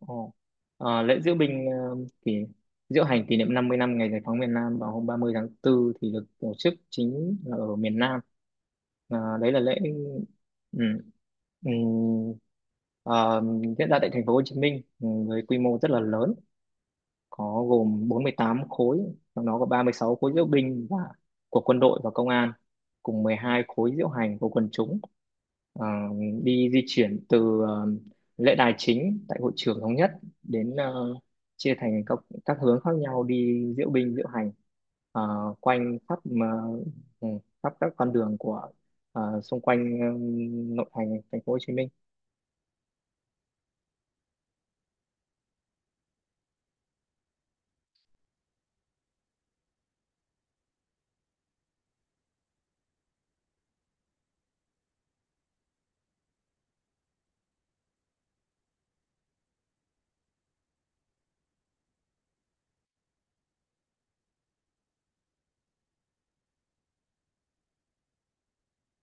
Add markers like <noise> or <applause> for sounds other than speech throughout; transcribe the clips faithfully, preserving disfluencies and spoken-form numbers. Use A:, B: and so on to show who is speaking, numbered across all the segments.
A: Ồ. Ờ, lễ diễu binh ờ, kỷ diễu hành kỷ niệm năm mươi năm ngày giải phóng miền Nam vào hôm ba mươi tháng tư thì được tổ chức chính là ở miền Nam. Ờ, đấy là lễ ừ. Ừ. ờ, diễn ra tại thành phố Hồ Chí Minh ừ, với quy mô rất là lớn, có gồm bốn mươi tám khối, trong đó có ba mươi sáu khối diễu binh và của quân đội và công an, cùng mười hai khối diễu hành của quần chúng. Ờ, đi di chuyển từ ờ, lễ đài chính tại hội trường thống nhất đến ờ, chia thành các các hướng khác nhau, đi diễu binh diễu hành ờ, quanh khắp ờ, ừ, khắp các con đường của ờ, xung quanh ờ, nội thành thành phố Hồ Chí Minh.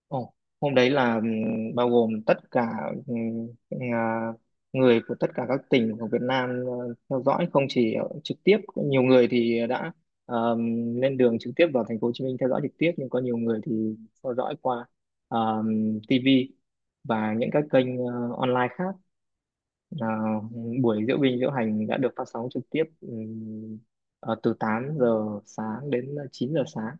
A: Ồ, hôm đấy là ừm, bao gồm tất cả ừm, à, người của tất cả các tỉnh của Việt Nam ờ, theo dõi. Không chỉ ở trực tiếp, nhiều người thì đã ờm, lên đường trực tiếp vào thành phố Hồ Chí Minh theo dõi trực tiếp, nhưng có nhiều người thì theo dõi qua ờm, ti vi và những các kênh ờ, online khác. Là buổi diễu binh diễu hành đã được phát sóng trực tiếp ừm, ờ, từ tám giờ sáng đến chín giờ sáng.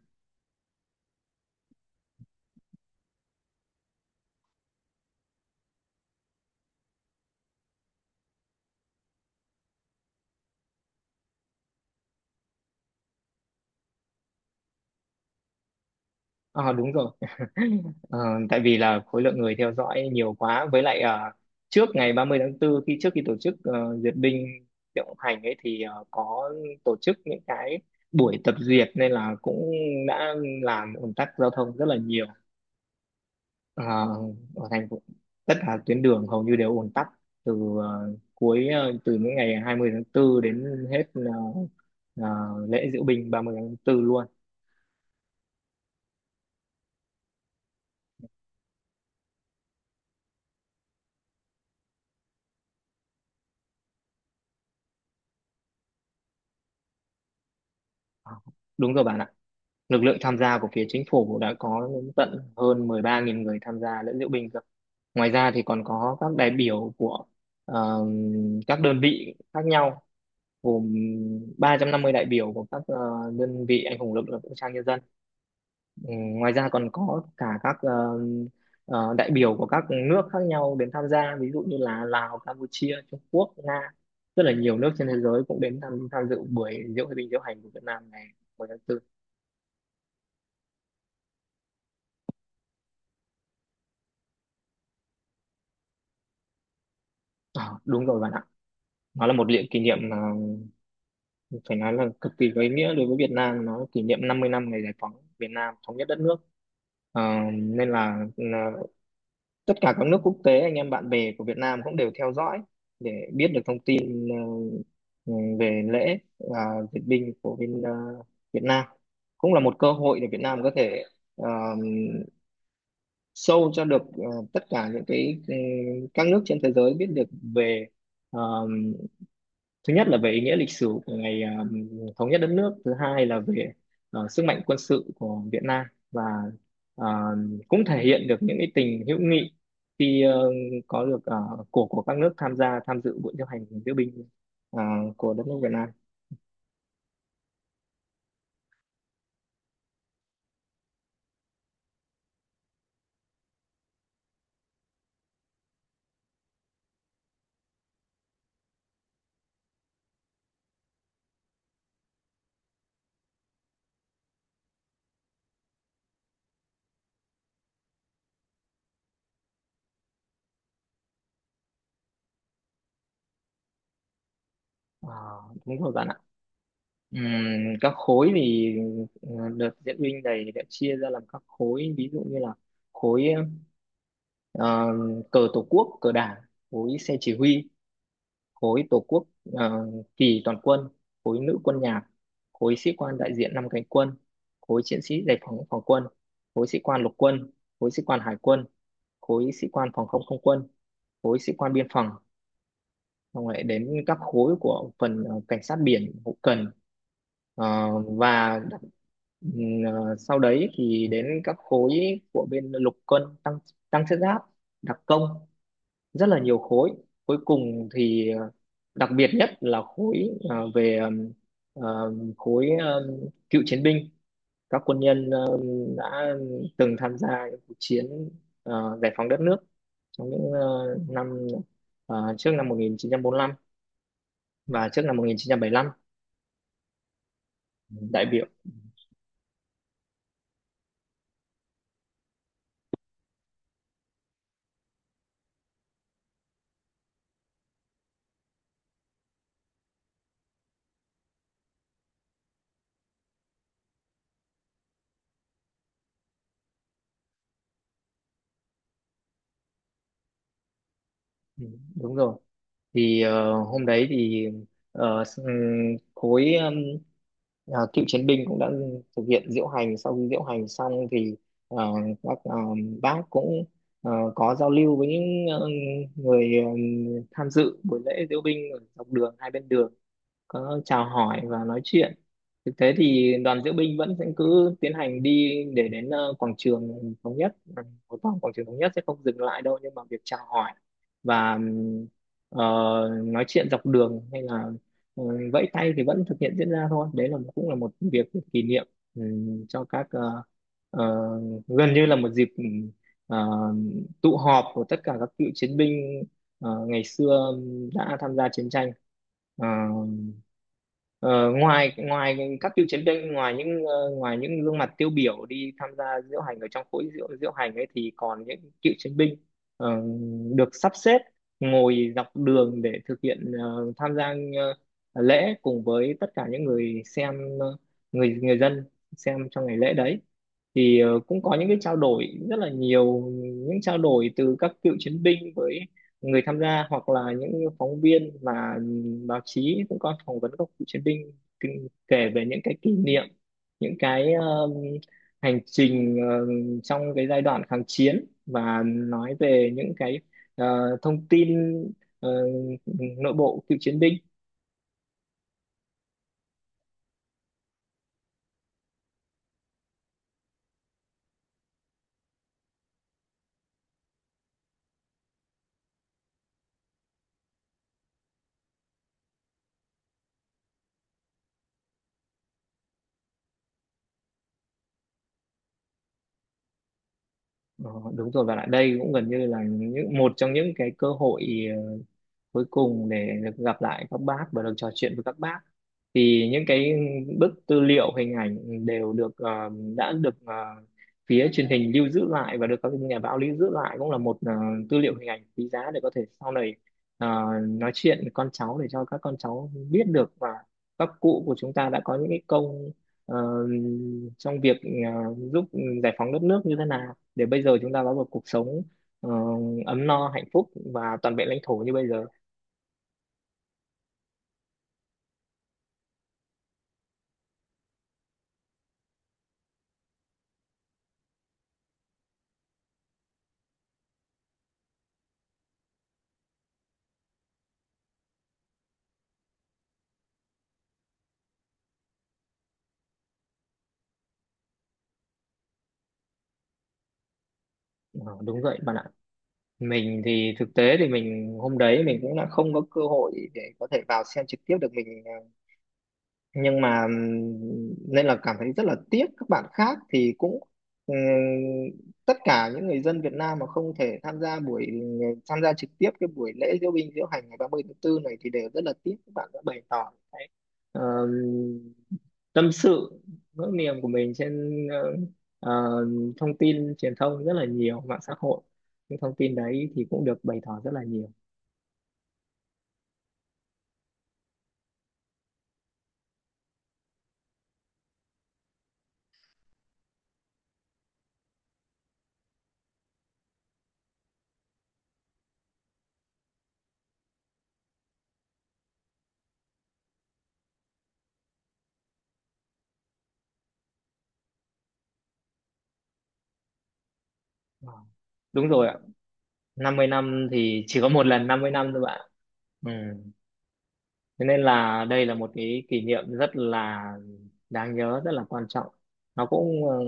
A: À, đúng rồi. <laughs> Ờ, tại vì là khối lượng người theo dõi nhiều quá, với lại ờ, trước ngày ba mươi tháng 4, khi trước khi tổ chức ờ, duyệt binh diễu hành ấy, thì ờ, có tổ chức những cái buổi tập duyệt nên là cũng đã làm ùn tắc giao thông rất là nhiều. Ờ, ở thành phố, tất cả tuyến đường hầu như đều ùn tắc từ ờ, cuối ờ, từ những ngày hai mươi tháng 4 đến hết ờ, ờ, lễ diễu binh ba mươi tháng 4 luôn. Ờ, đúng rồi bạn ạ. Lực lượng tham gia của phía chính phủ đã có đến tận hơn mười ba nghìn người tham gia lễ diễu binh cơ. Ngoài ra thì còn có các đại biểu của ờ, các đơn vị khác nhau, gồm ba trăm năm mươi đại biểu của các ờ, đơn vị anh hùng lực lượng vũ trang nhân dân. Ừ, ngoài ra còn có cả các ờ, ờ, đại biểu của các nước khác nhau đến tham gia, ví dụ như là Lào, Campuchia, Trung Quốc, Nga. Rất là nhiều nước trên thế giới cũng đến tham, tham dự buổi diễu binh diễu hành của Việt Nam ngày mười tháng tư. Ờ, đúng rồi bạn, nó là một lễ kỷ niệm mà phải nói là cực kỳ có ý nghĩa đối với Việt Nam. Nó kỷ niệm năm mươi năm ngày giải phóng Việt Nam, thống nhất đất nước. Ờ, nên là là tất cả các nước quốc tế, anh em bạn bè của Việt Nam cũng đều theo dõi để biết được thông tin ờ, ừ, về lễ và duyệt binh của bên ờ, Việt Nam. Cũng là một cơ hội để Việt Nam có thể ờ, show cho được ờ, tất cả những cái ừ, các nước trên thế giới biết được về ờ, thứ nhất là về ý nghĩa lịch sử của ngày um, thống nhất đất nước, thứ hai là về ờ, sức mạnh quân sự của Việt Nam, và ờ, cũng thể hiện được những cái tình hữu nghị khi ờ, có được ờ, của của các nước tham gia tham dự buổi diễu hành diễu binh ờ, của đất nước Việt Nam. Ờ, đúng rồi bạn ạ. Ừm, các khối thì ờ, đợt diễu binh này đã chia ra làm các khối, ví dụ như là khối ờ, cờ tổ quốc cờ đảng, khối xe chỉ huy, khối tổ quốc ờ, kỳ toàn quân, khối nữ quân nhạc, khối sĩ quan đại diện năm cánh quân, khối chiến sĩ giải phóng phòng quân, khối sĩ quan lục quân, khối sĩ quan hải quân, khối sĩ quan phòng không không quân, khối sĩ quan biên phòng, xong rồi đến các khối của phần ờ, cảnh sát biển, hậu cần. Ờ, và ừm, ờ, sau đấy thì đến các khối của bên lục quân tăng, tăng thiết giáp, đặc công, rất là nhiều khối. Cuối cùng thì ờ, đặc biệt nhất là khối ờ, về ờm, ờm, khối ờm, cựu chiến binh, các quân nhân ờm, đã từng tham gia những cuộc chiến ờ, giải phóng đất nước trong những ờ, năm ờ, trước năm một nghìn chín trăm bốn lăm và trước năm một nghìn chín trăm bảy lăm đại biểu. Ừ, đúng rồi. Thì ờ, hôm đấy thì ờ, s- ừm, khối ừm, ờ, cựu chiến binh cũng đã thực hiện diễu hành. Sau khi diễu hành xong thì ờ, các ờ, bác cũng ờ, có giao lưu với những ờ, người ờ, tham dự buổi lễ diễu binh ở dọc đường hai bên đường, có chào hỏi và nói chuyện. Thực tế thì đoàn diễu binh vẫn sẽ cứ tiến hành đi để đến ờ, quảng trường thống nhất. Ừ, một vòng quảng trường thống nhất sẽ không dừng lại đâu, nhưng mà việc chào hỏi và ừm, ờ, nói chuyện dọc đường hay là ừ, vẫy tay thì vẫn thực hiện diễn ra thôi. Đấy là cũng là một việc kỷ niệm, ừm, cho các ờ, ờ, gần như là một dịp ừm, ờ, tụ họp của tất cả các cựu chiến binh ờ, ngày xưa đã tham gia chiến tranh. Ờ, Ờ, ngoài ngoài các cựu chiến binh, ngoài những ờ, ngoài những gương mặt tiêu biểu đi tham gia diễu hành ở trong khối diễu diễu hành ấy, thì còn những cựu chiến binh ờ, được sắp xếp ngồi dọc đường để thực hiện ờ, tham gia ờ, lễ cùng với tất cả những người xem ờ, người người dân xem trong ngày lễ đấy. Thì ờ, cũng có những cái trao đổi rất là nhiều, những trao đổi từ các cựu chiến binh với người tham gia, hoặc là những phóng viên mà báo chí cũng có phỏng vấn các cựu chiến binh, kinh- kể về những cái kỷ niệm, những cái um, hành trình ờ, trong cái giai đoạn kháng chiến, và nói về những cái ờ, thông tin ờ, nội bộ cựu chiến binh. Ờ, đúng rồi, và lại đây cũng gần như là những một trong những cái cơ hội cuối cùng để được gặp lại các bác và được trò chuyện với các bác. Thì những cái bức tư liệu hình ảnh đều được ờ, đã được ờ, phía truyền hình lưu giữ lại và được các nhà báo lưu giữ lại, cũng là một ờ, tư liệu hình ảnh quý giá để có thể sau này ờ, nói chuyện với con cháu, để cho các con cháu biết được và các cụ của chúng ta đã có những cái công ờ, trong việc ờ, giúp giải phóng đất nước như thế nào, để bây giờ chúng ta có một cuộc sống ờ, ấm no hạnh phúc và toàn vẹn lãnh thổ như bây giờ. Ờ, đúng vậy bạn ạ. Mình thì thực tế thì mình hôm đấy mình cũng đã không có cơ hội để có thể vào xem trực tiếp được mình, ờ, nhưng mà nên là cảm thấy rất là tiếc. Các bạn khác thì cũng ừm, tất cả những người dân Việt Nam mà không thể tham gia buổi, tham gia trực tiếp cái buổi lễ diễu binh diễu hành ngày ba mươi tháng tư này thì đều rất là tiếc. Các bạn đã bày tỏ cái ờm, tâm sự, nỗi niềm của mình trên ờ, ờ, thông tin truyền thông rất là nhiều, mạng xã hội. Những thông tin đấy thì cũng được bày tỏ rất là nhiều. Wow, đúng rồi ạ. Năm mươi năm thì chỉ có một lần năm mươi năm thôi bạn. Ừ. Thế nên là đây là một cái kỷ niệm rất là đáng nhớ, rất là quan trọng. Nó cũng ờ,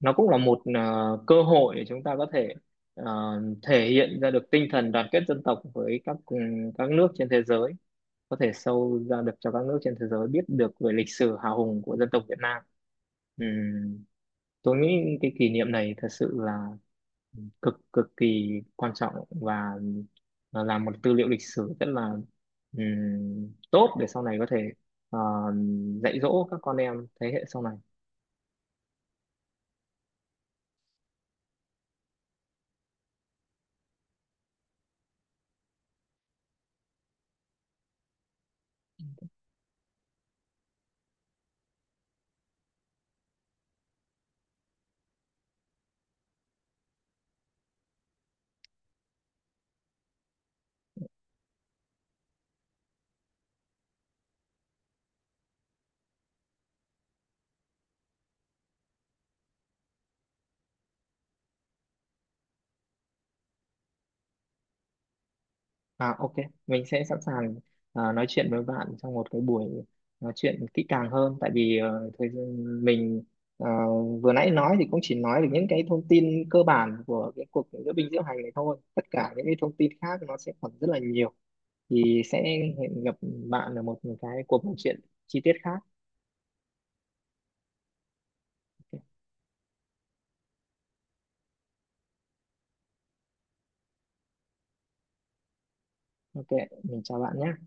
A: nó cũng là một ờ, cơ hội để chúng ta có thể ờ, thể hiện ra được tinh thần đoàn kết dân tộc với các ừ, các nước trên thế giới, có thể sâu ra được cho các nước trên thế giới biết được về lịch sử hào hùng của dân tộc Việt Nam. Ừm, tôi nghĩ cái kỷ niệm này thật sự là cực cực kỳ quan trọng, và là làm một tư liệu lịch sử rất là ừm, tốt, để sau này có thể ờ, dạy dỗ các con em thế hệ sau này. À, ok, mình sẽ sẵn sàng ờ, nói chuyện với bạn trong một cái buổi nói chuyện kỹ càng hơn, tại vì ờ, thời gian mình ờ, vừa nãy nói thì cũng chỉ nói được những cái thông tin cơ bản của cái cuộc diễu binh diễu hành này thôi. Tất cả những cái thông tin khác nó sẽ còn rất là nhiều. Thì sẽ hẹn gặp bạn ở một cái cuộc nói chuyện chi tiết khác. Ok, ok, mình chào bạn nhé.